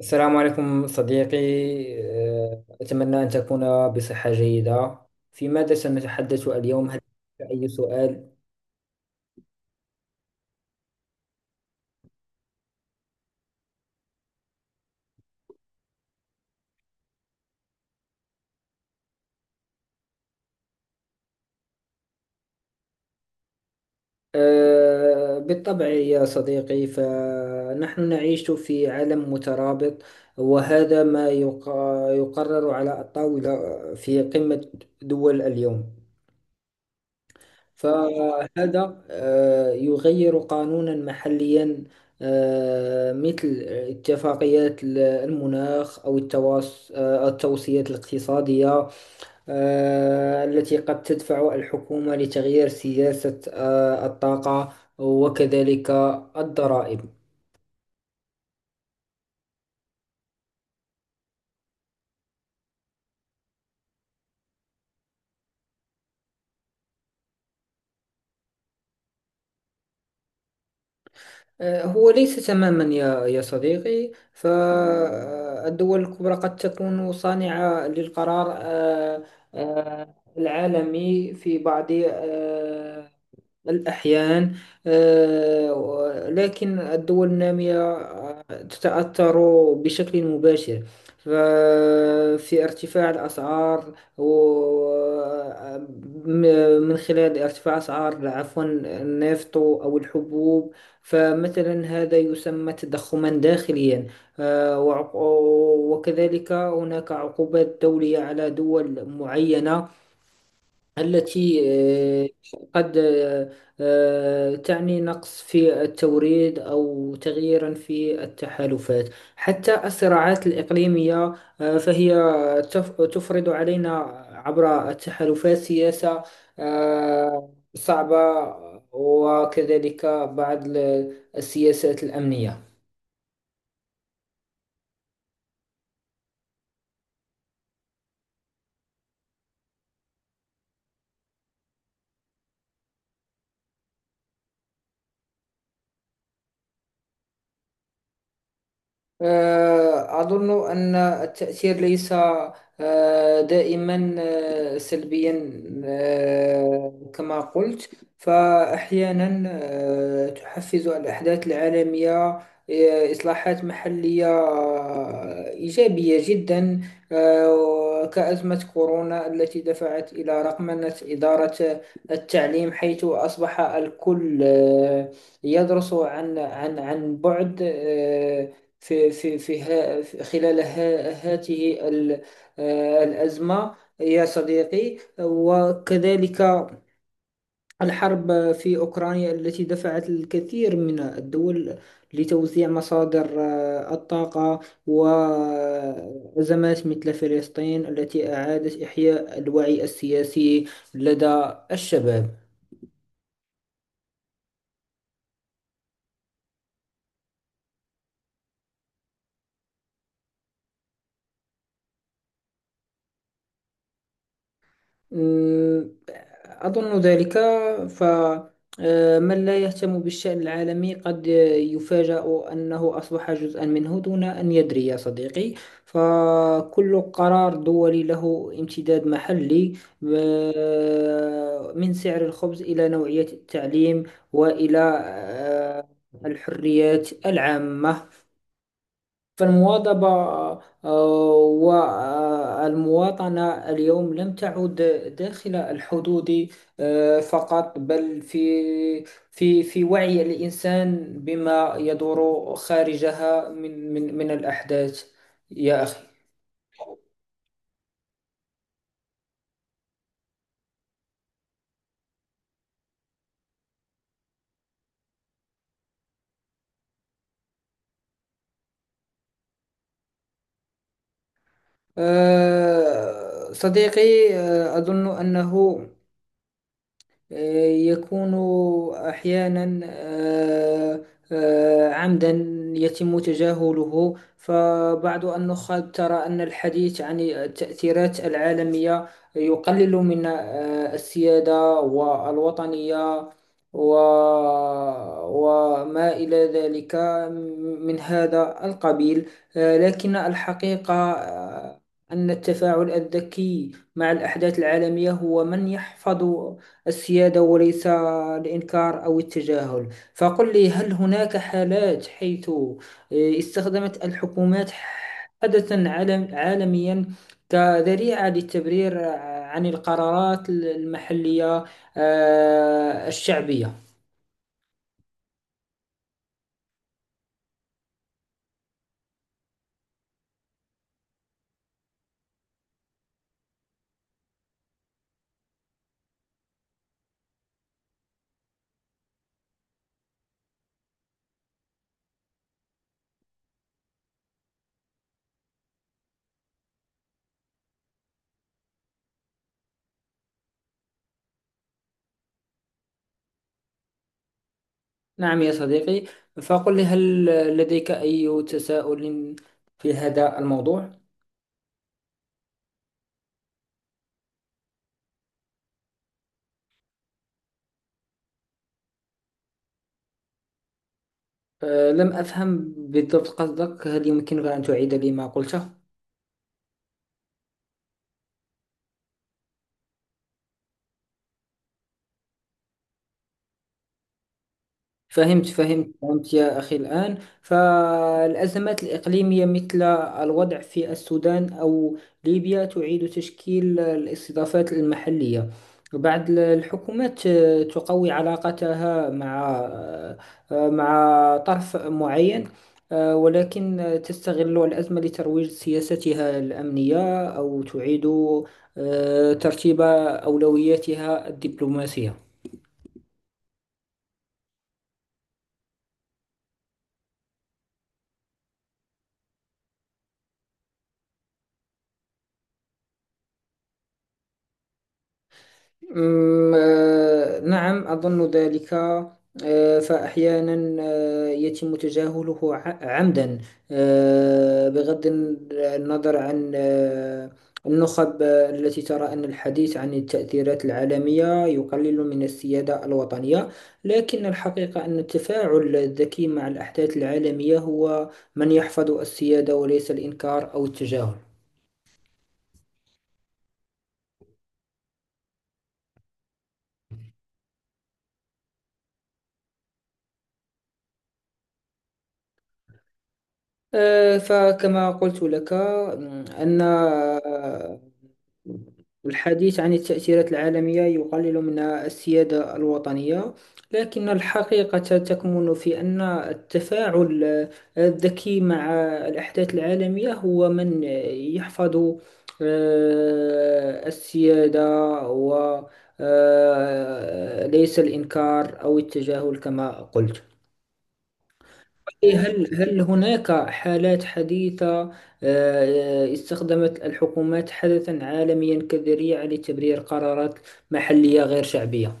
السلام عليكم صديقي. أتمنى أن تكون بصحة جيدة. في ماذا سنتحدث اليوم، هل أي سؤال؟ بالطبع يا صديقي، فنحن نعيش في عالم مترابط، وهذا ما يقرر على الطاولة في قمة دول اليوم. فهذا يغير قانونا محليا، مثل اتفاقيات المناخ أو التوصيات الاقتصادية التي قد تدفع الحكومة لتغيير سياسة الطاقة، وكذلك الضرائب. هو ليس تماما يا صديقي، فالدول الكبرى قد تكون صانعة للقرار العالمي في بعض الأحيان. لكن الدول النامية تتأثر بشكل مباشر، ففي ارتفاع الأسعار من خلال ارتفاع أسعار، عفوا، النفط أو الحبوب. فمثلا هذا يسمى تضخما داخليا. آه، وعق- وكذلك هناك عقوبات دولية على دول معينة، التي قد تعني نقص في التوريد أو تغييرا في التحالفات، حتى الصراعات الإقليمية فهي تفرض علينا عبر التحالفات سياسة صعبة، وكذلك بعض السياسات الأمنية. أظن أن التأثير ليس دائما سلبيا، كما قلت. فأحيانا تحفز الأحداث العالمية إصلاحات محلية إيجابية جدا، كأزمة كورونا التي دفعت إلى رقمنة إدارة التعليم، حيث أصبح الكل يدرس عن بعد خلال هاته الأزمة يا صديقي. وكذلك الحرب في أوكرانيا التي دفعت الكثير من الدول لتوزيع مصادر الطاقة، وأزمات مثل فلسطين التي أعادت إحياء الوعي السياسي لدى الشباب. مم، أظن ذلك. ف آه، من لا يهتم بالشأن العالمي قد يفاجأ أنه أصبح جزءا منه دون أن يدري يا صديقي. فكل قرار دولي له امتداد محلي، من سعر الخبز إلى نوعية التعليم، وإلى آه، الحريات العامة. فالمواظبة آه، والمواطنة اليوم لم تعد داخل الحدود فقط، بل في وعي الإنسان بما يدور خارجها من الأحداث يا أخي. صديقي، أظن أنه يكون أحيانا عمدا يتم تجاهله. فبعض النخب ترى أن الحديث عن التأثيرات العالمية يقلل من السيادة والوطنية و... وما إلى ذلك من هذا القبيل. لكن الحقيقة أن التفاعل الذكي مع الأحداث العالمية هو من يحفظ السيادة، وليس الإنكار أو التجاهل. فقل لي، هل هناك حالات حيث استخدمت الحكومات حدثا عالميا كذريعة للتبرير عن القرارات المحلية الشعبية؟ نعم يا صديقي، فقل لي، هل لديك أي تساؤل في هذا الموضوع؟ لم أفهم بالضبط قصدك، هل يمكنك أن تعيد لي ما قلته؟ فهمت يا أخي الآن. فالأزمات الإقليمية مثل الوضع في السودان أو ليبيا تعيد تشكيل الاستضافات المحلية. بعض الحكومات تقوي علاقتها مع مع طرف معين، ولكن تستغل الأزمة لترويج سياستها الأمنية، أو تعيد ترتيب أولوياتها الدبلوماسية. أمم، آه، نعم أظن ذلك. فأحيانا يتم تجاهله عمدا، بغض النظر عن النخب التي ترى أن الحديث عن التأثيرات العالمية يقلل من السيادة الوطنية. لكن الحقيقة أن التفاعل الذكي مع الأحداث العالمية هو من يحفظ السيادة، وليس الإنكار أو التجاهل. فكما قلت لك، أن الحديث عن التأثيرات العالمية يقلل من السيادة الوطنية، لكن الحقيقة تكمن في أن التفاعل الذكي مع الأحداث العالمية هو من يحفظ السيادة، و ليس الإنكار أو التجاهل كما قلت. إيه، هل هناك حالات حديثة استخدمت الحكومات حدثا عالميا كذريعة لتبرير قرارات محلية غير شعبية؟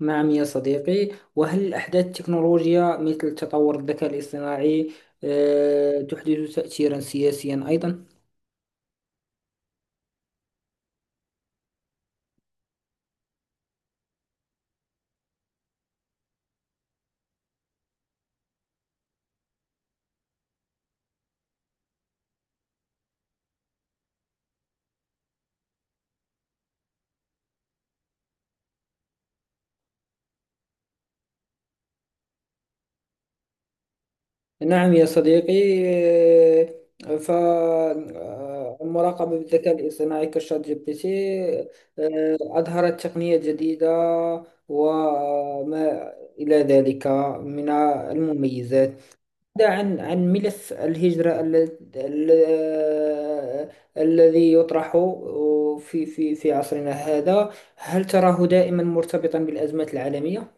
نعم يا صديقي، وهل أحداث التكنولوجيا مثل تطور الذكاء الاصطناعي تحدث تأثيرا سياسيا أيضا؟ نعم يا صديقي، فالمراقبة بالذكاء الاصطناعي كشات جي بي تي أظهرت تقنية جديدة، وما إلى ذلك من المميزات. بعد عن ملف الهجرة ال- الذي يطرح في عصرنا هذا، هل تراه دائما مرتبطا بالأزمات العالمية؟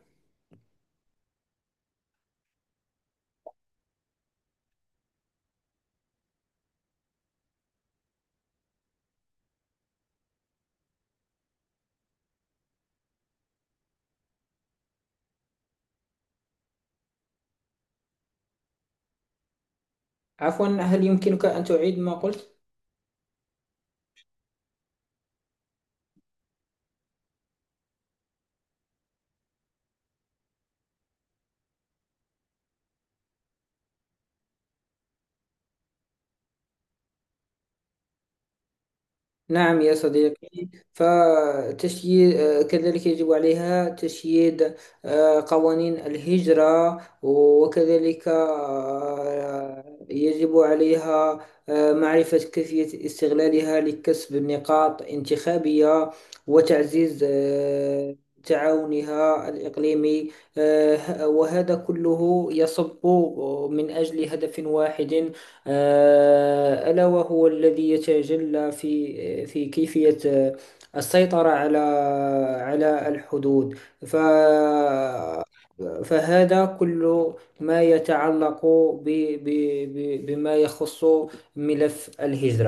عفوا، هل يمكنك أن تعيد ما قلت؟ نعم يا صديقي. فتشييد كذلك يجب عليها تشييد قوانين الهجرة، وكذلك يجب عليها معرفة كيفية استغلالها لكسب نقاط انتخابية، وتعزيز تعاونها الإقليمي. وهذا كله يصب من أجل هدف واحد، ألا وهو الذي يتجلى في كيفية السيطرة على الحدود. ف فهذا كل ما يتعلق ب ب ب بما يخص ملف الهجرة